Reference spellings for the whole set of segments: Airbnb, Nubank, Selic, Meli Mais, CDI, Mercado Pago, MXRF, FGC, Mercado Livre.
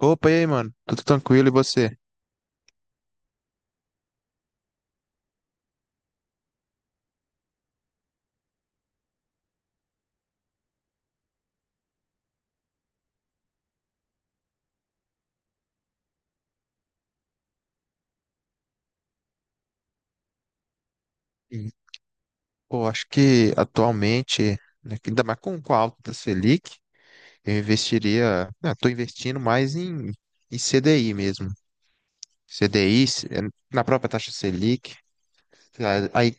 Opa, e aí, mano? Tudo tranquilo e você? Sim. Pô, acho que atualmente, né, que ainda mais com a alta da Selic, eu investiria, estou investindo mais em CDI mesmo. CDI, na própria taxa Selic. A Aí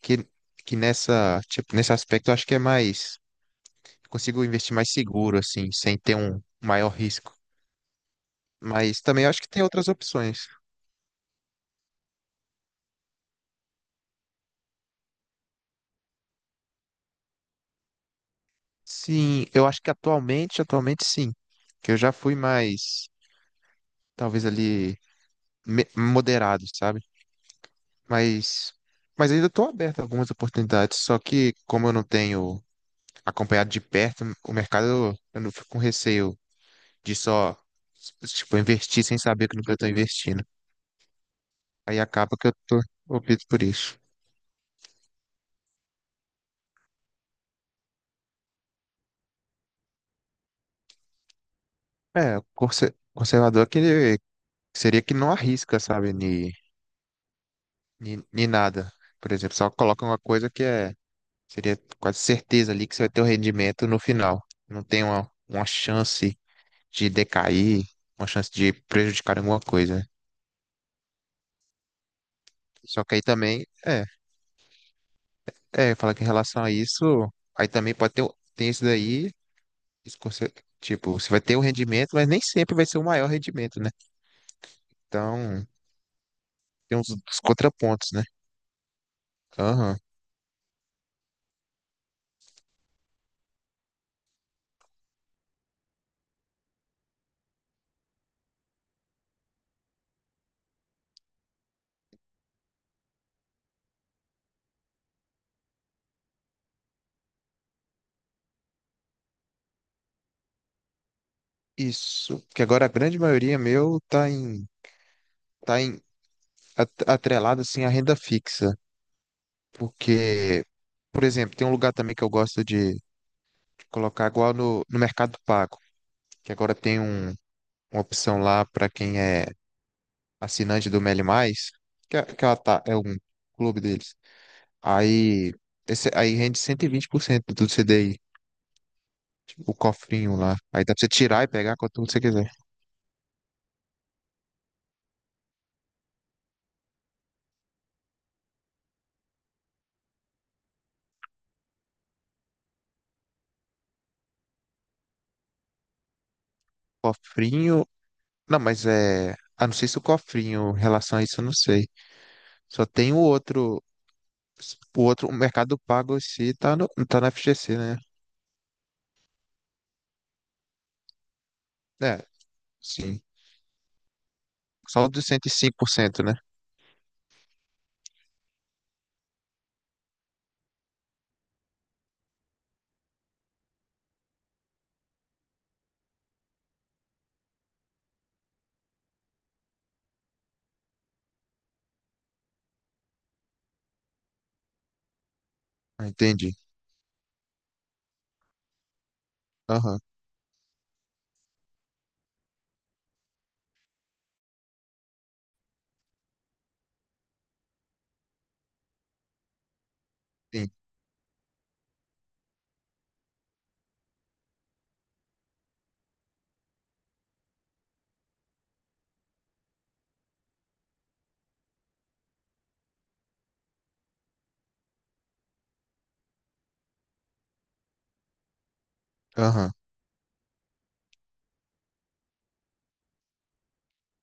que, que nessa, tipo, nesse aspecto eu acho que é mais, consigo investir mais seguro, assim, sem ter um maior risco. Mas também eu acho que tem outras opções. Sim, eu acho que atualmente, atualmente sim, que eu já fui mais, talvez ali, moderado, sabe? Mas, mas ainda estou aberto a algumas oportunidades, só que como eu não tenho acompanhado de perto o mercado, eu não fico com receio de só, tipo, investir sem saber o que eu estou investindo. Aí acaba que eu tô, opto por isso. É, o conservador é aquele que seria que não arrisca, sabe, ni, ni, ni nada. Por exemplo, só coloca uma coisa que é, seria quase certeza ali que você vai ter o rendimento no final. Não tem uma chance de decair, uma chance de prejudicar alguma coisa. Só que aí também, fala que em relação a isso, aí também pode ter, tem isso daí, esse conser- tipo, você vai ter o rendimento, mas nem sempre vai ser o maior rendimento, né? Então, tem uns contrapontos, né? Aham. Isso. Porque agora a grande maioria meu tá em atrelado assim à renda fixa. Porque, por exemplo, tem um lugar também que eu gosto de colocar igual no Mercado Pago, que agora tem uma opção lá para quem é assinante do Meli Mais, que ela tá, é um clube deles. Aí, esse, aí rende 120% do CDI, o cofrinho lá. Aí dá pra você tirar e pegar quanto você quiser. Cofrinho. Não, mas é. Ah, não sei se o cofrinho, em relação a isso, eu não sei. Só tem o outro. O outro, o Mercado Pago em si tá no, tá na FGC, né? É, sim. Só o dos 105%, né? Ah, entendi. Aham, sim. Aham,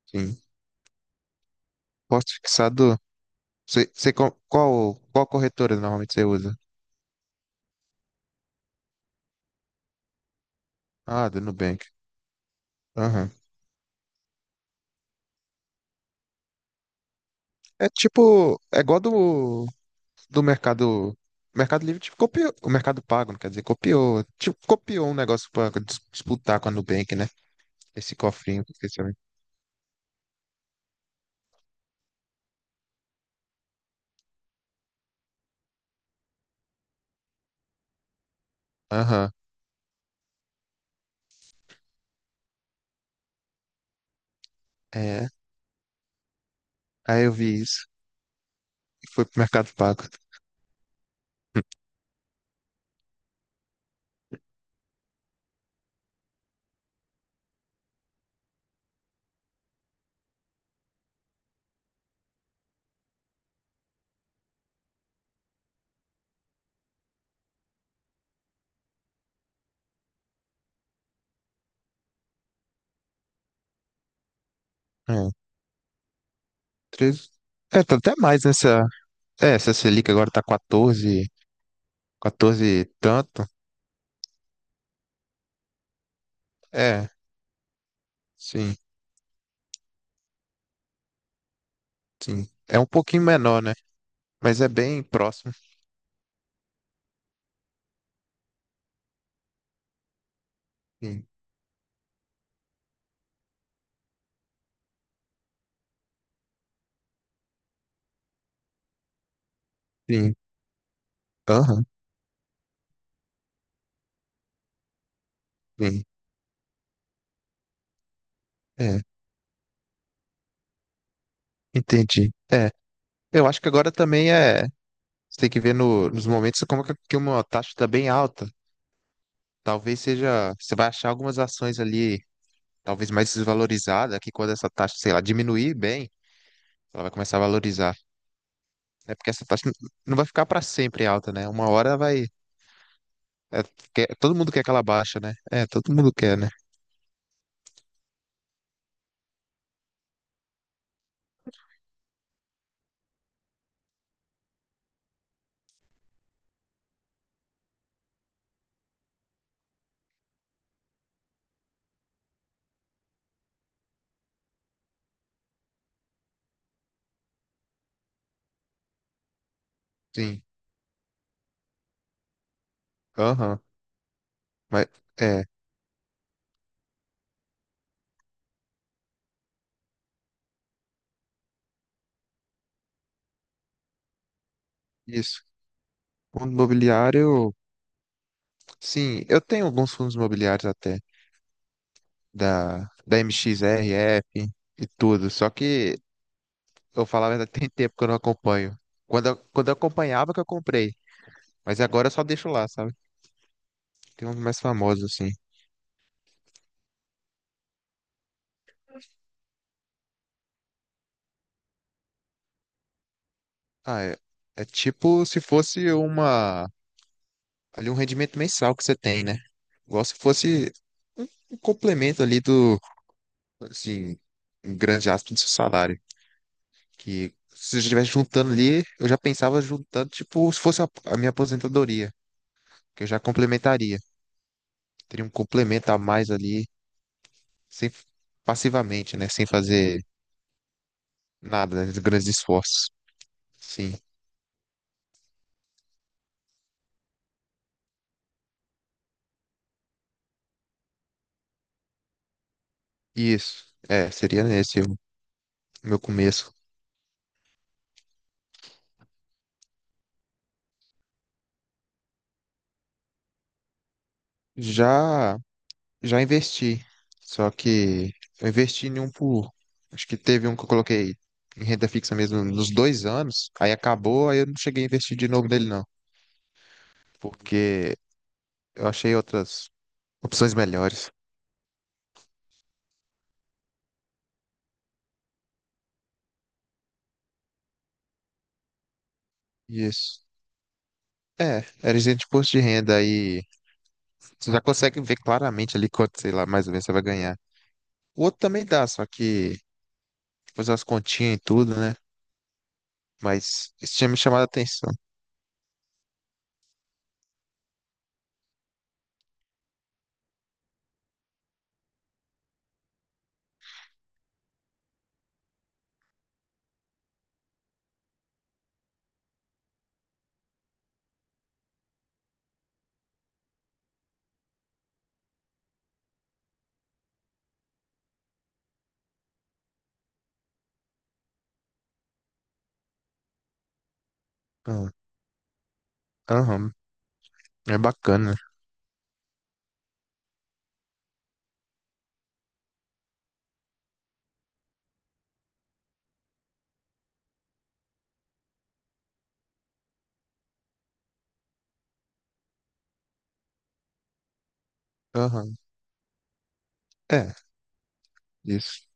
sim. Posto fixado. Você, qual corretora normalmente você usa? Ah, do Nubank. Aham. É tipo. É igual do Mercado. O Mercado Livre tipo, copiou. O Mercado Pago, não quer dizer, copiou. Tipo, copiou um negócio pra disputar com a Nubank, né? Esse cofrinho que vocês sabem. Aham. É. Aí eu vi isso e fui pro Mercado Pago. Hum. É, 13. É, tá até mais nessa. É, essa Selic agora tá 14, 14 e tanto. É, sim, sim. É um pouquinho menor, né? Mas é bem próximo. Sim, sim. Aham, sim. É, entendi. É, eu acho que agora também é. Você tem que ver nos momentos como que uma taxa está bem alta. Talvez seja. Você vai achar algumas ações ali, talvez mais desvalorizadas que quando essa taxa, sei lá, diminuir bem, ela vai começar a valorizar. É porque essa taxa não vai ficar para sempre alta, né? Uma hora vai. É, todo mundo quer que ela baixa, né? É, todo mundo quer, né? Sim. Aham. Mas. É. Isso. Fundo imobiliário, sim, eu tenho alguns fundos imobiliários até, da, da MXRF e tudo, só que eu falo a verdade, tem tempo que eu não acompanho. Quando eu acompanhava que eu comprei, mas agora eu só deixo lá, sabe? Tem uns mais famosos assim. Ah, é tipo se fosse uma, ali um rendimento mensal que você tem, né? Igual se fosse um complemento ali do, assim, em grande aspas do seu salário. Que se eu estivesse juntando ali, eu já pensava juntando, tipo, se fosse a minha aposentadoria, que eu já complementaria. Teria um complemento a mais ali, sem, passivamente, né? Sem fazer nada, né, de grandes esforços. Sim. Isso. É, seria nesse o meu começo. Já, já investi. Só que eu investi em um por. Acho que teve um que eu coloquei em renda fixa mesmo nos 2 anos. Aí acabou, aí eu não cheguei a investir de novo nele, não. Porque eu achei outras opções melhores. Isso. É, era isento de imposto de renda aí. Você já consegue ver claramente ali quanto, sei lá, mais ou menos você vai ganhar. O outro também dá, só que fazer as continhas e tudo, né? Mas isso tinha me chamado a atenção. Ah, aham, é bacana. Aham, é, isso.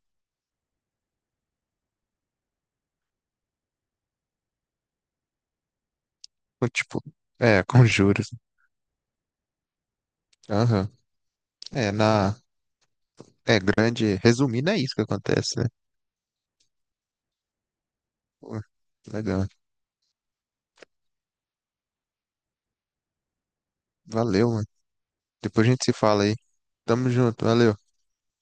Então, tipo, é, com juros. Aham, é, na. É grande. Resumindo, é isso que acontece, né? Pô, legal. Valeu, mano. Depois a gente se fala aí. Tamo junto, valeu.